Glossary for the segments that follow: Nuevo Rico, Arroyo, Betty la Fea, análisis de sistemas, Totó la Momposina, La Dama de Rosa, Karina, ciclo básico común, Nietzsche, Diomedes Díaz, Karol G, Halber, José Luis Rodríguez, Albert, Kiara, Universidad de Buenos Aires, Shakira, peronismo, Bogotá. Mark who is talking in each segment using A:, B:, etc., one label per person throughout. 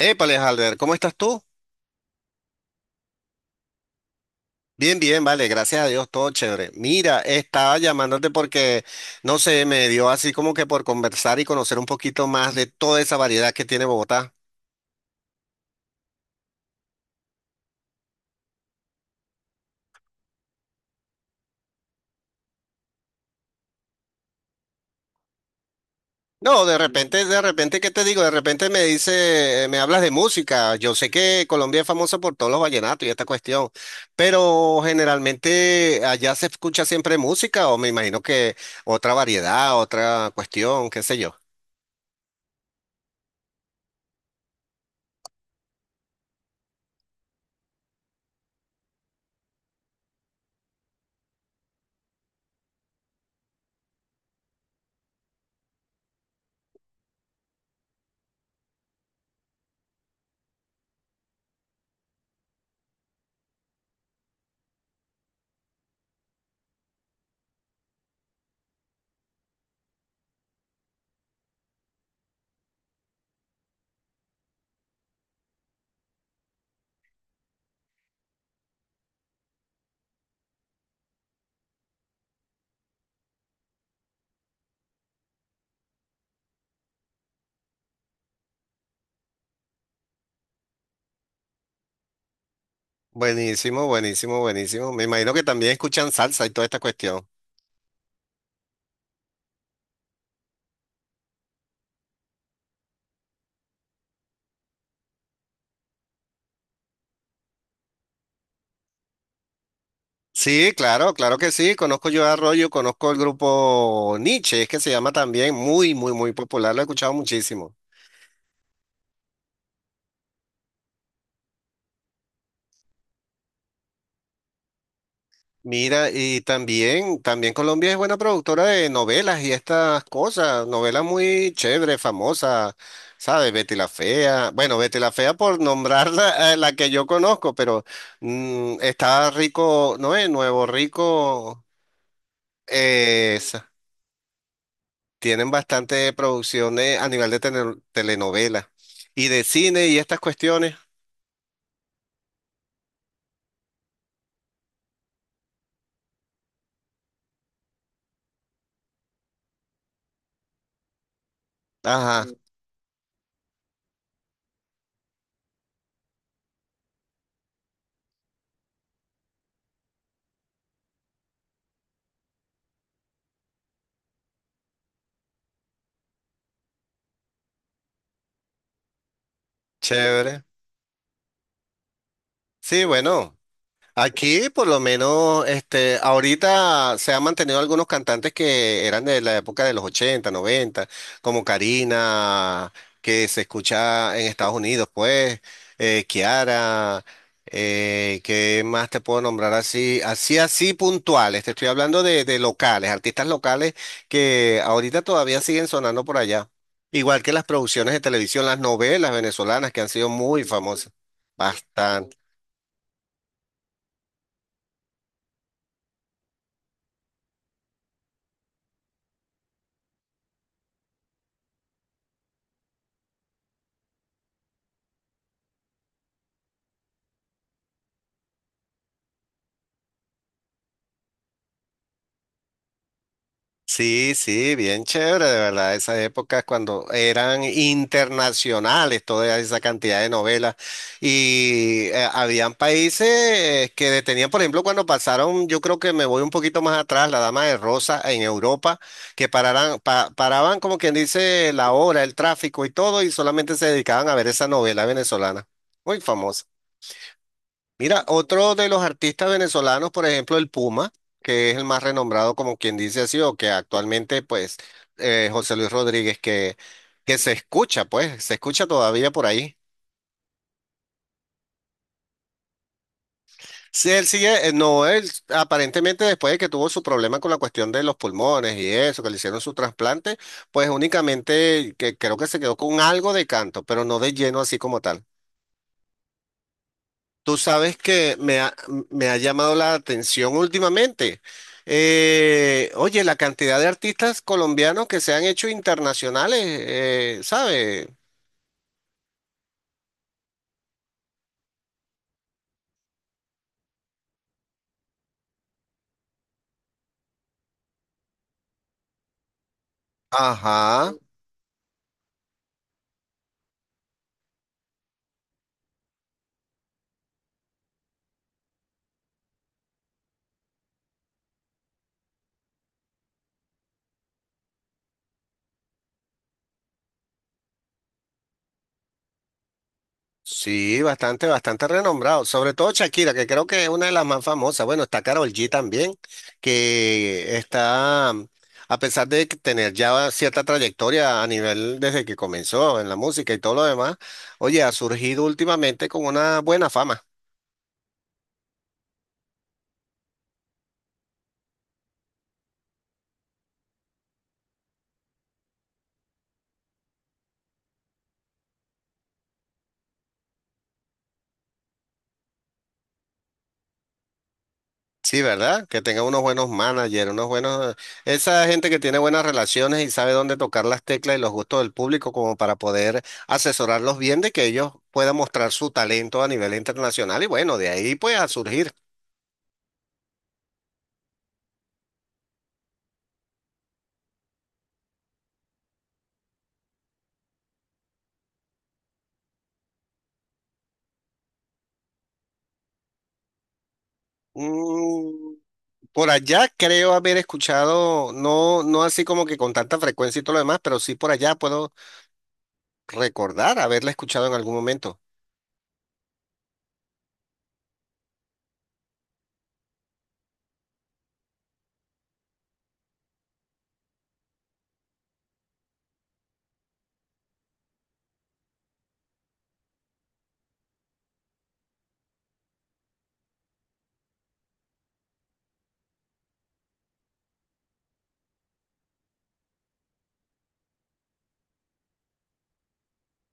A: Épale, Halber, ¿cómo estás tú? Bien, bien, vale, gracias a Dios, todo chévere. Mira, estaba llamándote porque no sé, me dio así como que por conversar y conocer un poquito más de toda esa variedad que tiene Bogotá. No, de repente, ¿qué te digo? De repente me dice, me hablas de música. Yo sé que Colombia es famosa por todos los vallenatos y esta cuestión, pero generalmente allá se escucha siempre música o me imagino que otra variedad, otra cuestión, qué sé yo. Buenísimo, buenísimo, buenísimo. Me imagino que también escuchan salsa y toda esta cuestión. Sí, claro, claro que sí. Conozco yo a Arroyo, conozco el grupo Nietzsche, es que se llama también muy popular. Lo he escuchado muchísimo. Mira, y también Colombia es buena productora de novelas y estas cosas, novelas muy chéveres, famosas, ¿sabes? Betty la Fea. Bueno, Betty la Fea por nombrar la, la que yo conozco, pero mm, está Rico, ¿no es? Nuevo Rico. Esa. Tienen bastante producciones a nivel de telenovela y de cine y estas cuestiones. Ajá. Mm. Chévere. Sí, bueno. Aquí, por lo menos, este, ahorita se han mantenido algunos cantantes que eran de la época de los 80, 90, como Karina, que se escucha en Estados Unidos, pues, Kiara, ¿qué más te puedo nombrar así? Así, así puntuales. Te estoy hablando de locales, artistas locales que ahorita todavía siguen sonando por allá. Igual que las producciones de televisión, las novelas venezolanas que han sido muy famosas. Bastante. Sí, sí, bien chévere, de verdad, esas épocas cuando eran internacionales toda esa cantidad de novelas y habían países que detenían, por ejemplo, cuando pasaron, yo creo que me voy un poquito más atrás, La Dama de Rosa en Europa, que pararan, paraban como quien dice la hora, el tráfico y todo y solamente se dedicaban a ver esa novela venezolana, muy famosa. Mira, otro de los artistas venezolanos, por ejemplo, el Puma, que es el más renombrado, como quien dice así, o que actualmente, pues, José Luis Rodríguez, que se escucha, pues, se escucha todavía por ahí. Sí, él sigue, no, él aparentemente después de que tuvo su problema con la cuestión de los pulmones y eso, que le hicieron su trasplante, pues únicamente que creo que se quedó con algo de canto, pero no de lleno así como tal. Tú sabes que me ha, Me ha llamado la atención últimamente. Oye, la cantidad de artistas colombianos que se han hecho internacionales, ¿sabes? Ajá, sí, bastante, bastante renombrado. Sobre todo Shakira, que creo que es una de las más famosas. Bueno, está Karol G también, que está, a pesar de que tener ya cierta trayectoria a nivel desde que comenzó en la música y todo lo demás, oye, ha surgido últimamente con una buena fama. Sí, ¿verdad? Que tenga unos buenos managers, unos buenos... Esa gente que tiene buenas relaciones y sabe dónde tocar las teclas y los gustos del público como para poder asesorarlos bien de que ellos puedan mostrar su talento a nivel internacional y bueno, de ahí pues a surgir. Mm, por allá creo haber escuchado, no, no así como que con tanta frecuencia y todo lo demás, pero sí por allá puedo recordar haberla escuchado en algún momento.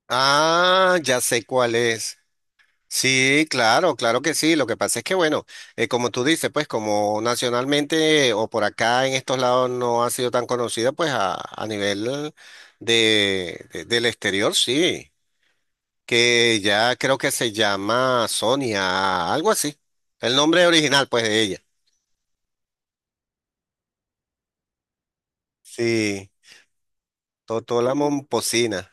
A: Ah, ya sé cuál es. Sí, claro, claro que sí. Lo que pasa es que, bueno, como tú dices, pues como nacionalmente o por acá en estos lados no ha sido tan conocida, pues a nivel del exterior, sí, que ya creo que se llama Sonia, algo así. El nombre original, pues, de ella. Sí, Totó la momposina.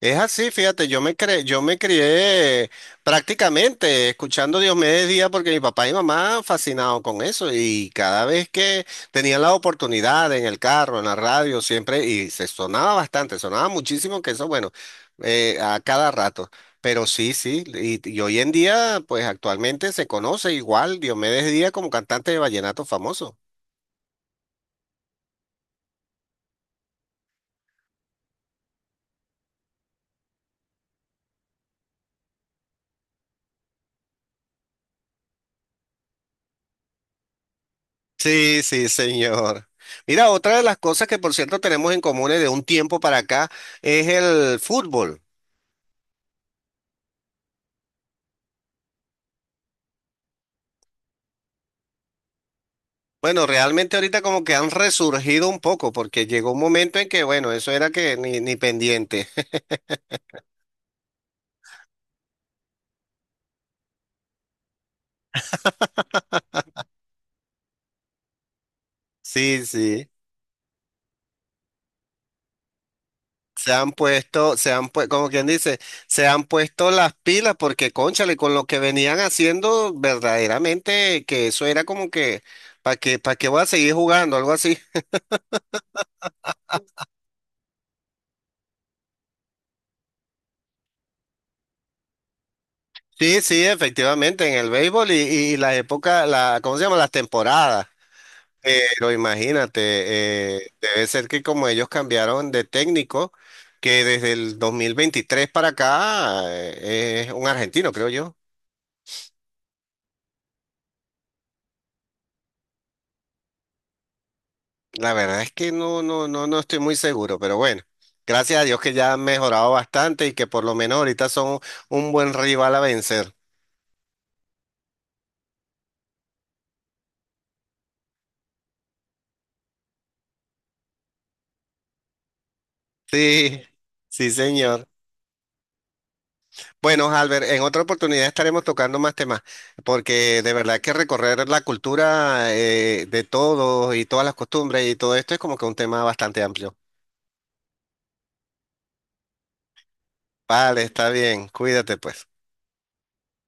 A: Es así, fíjate, yo me crié prácticamente escuchando Diomedes Díaz porque mi papá y mamá fascinados con eso y cada vez que tenían la oportunidad en el carro, en la radio, siempre, y se sonaba bastante, sonaba muchísimo que eso, bueno, a cada rato. Pero sí, sí, y hoy en día, pues actualmente se conoce igual Diomedes Díaz como cantante de vallenato famoso. Sí, sí, señor. Mira, otra de las cosas que por cierto tenemos en común de un tiempo para acá es el fútbol. Bueno, realmente ahorita como que han resurgido un poco porque llegó un momento en que, bueno, eso era que ni pendiente. Sí, sí. Se han puesto, como quien dice, se han puesto las pilas porque, cónchale, con lo que venían haciendo, verdaderamente que eso era como que, ¿para qué voy a seguir jugando? Algo así. Sí, sí, efectivamente, en el béisbol y las épocas, la, ¿cómo se llama? Las temporadas. Pero imagínate, debe ser que como ellos cambiaron de técnico, que desde el 2023 para acá es un argentino, creo yo. La verdad es que no, no, no, no estoy muy seguro, pero bueno, gracias a Dios que ya han mejorado bastante y que por lo menos ahorita son un buen rival a vencer. Sí, sí, señor. Bueno, Albert, en otra oportunidad estaremos tocando más temas, porque de verdad que recorrer la cultura de todos y todas las costumbres y todo esto es como que un tema bastante amplio. Vale, está bien, cuídate pues.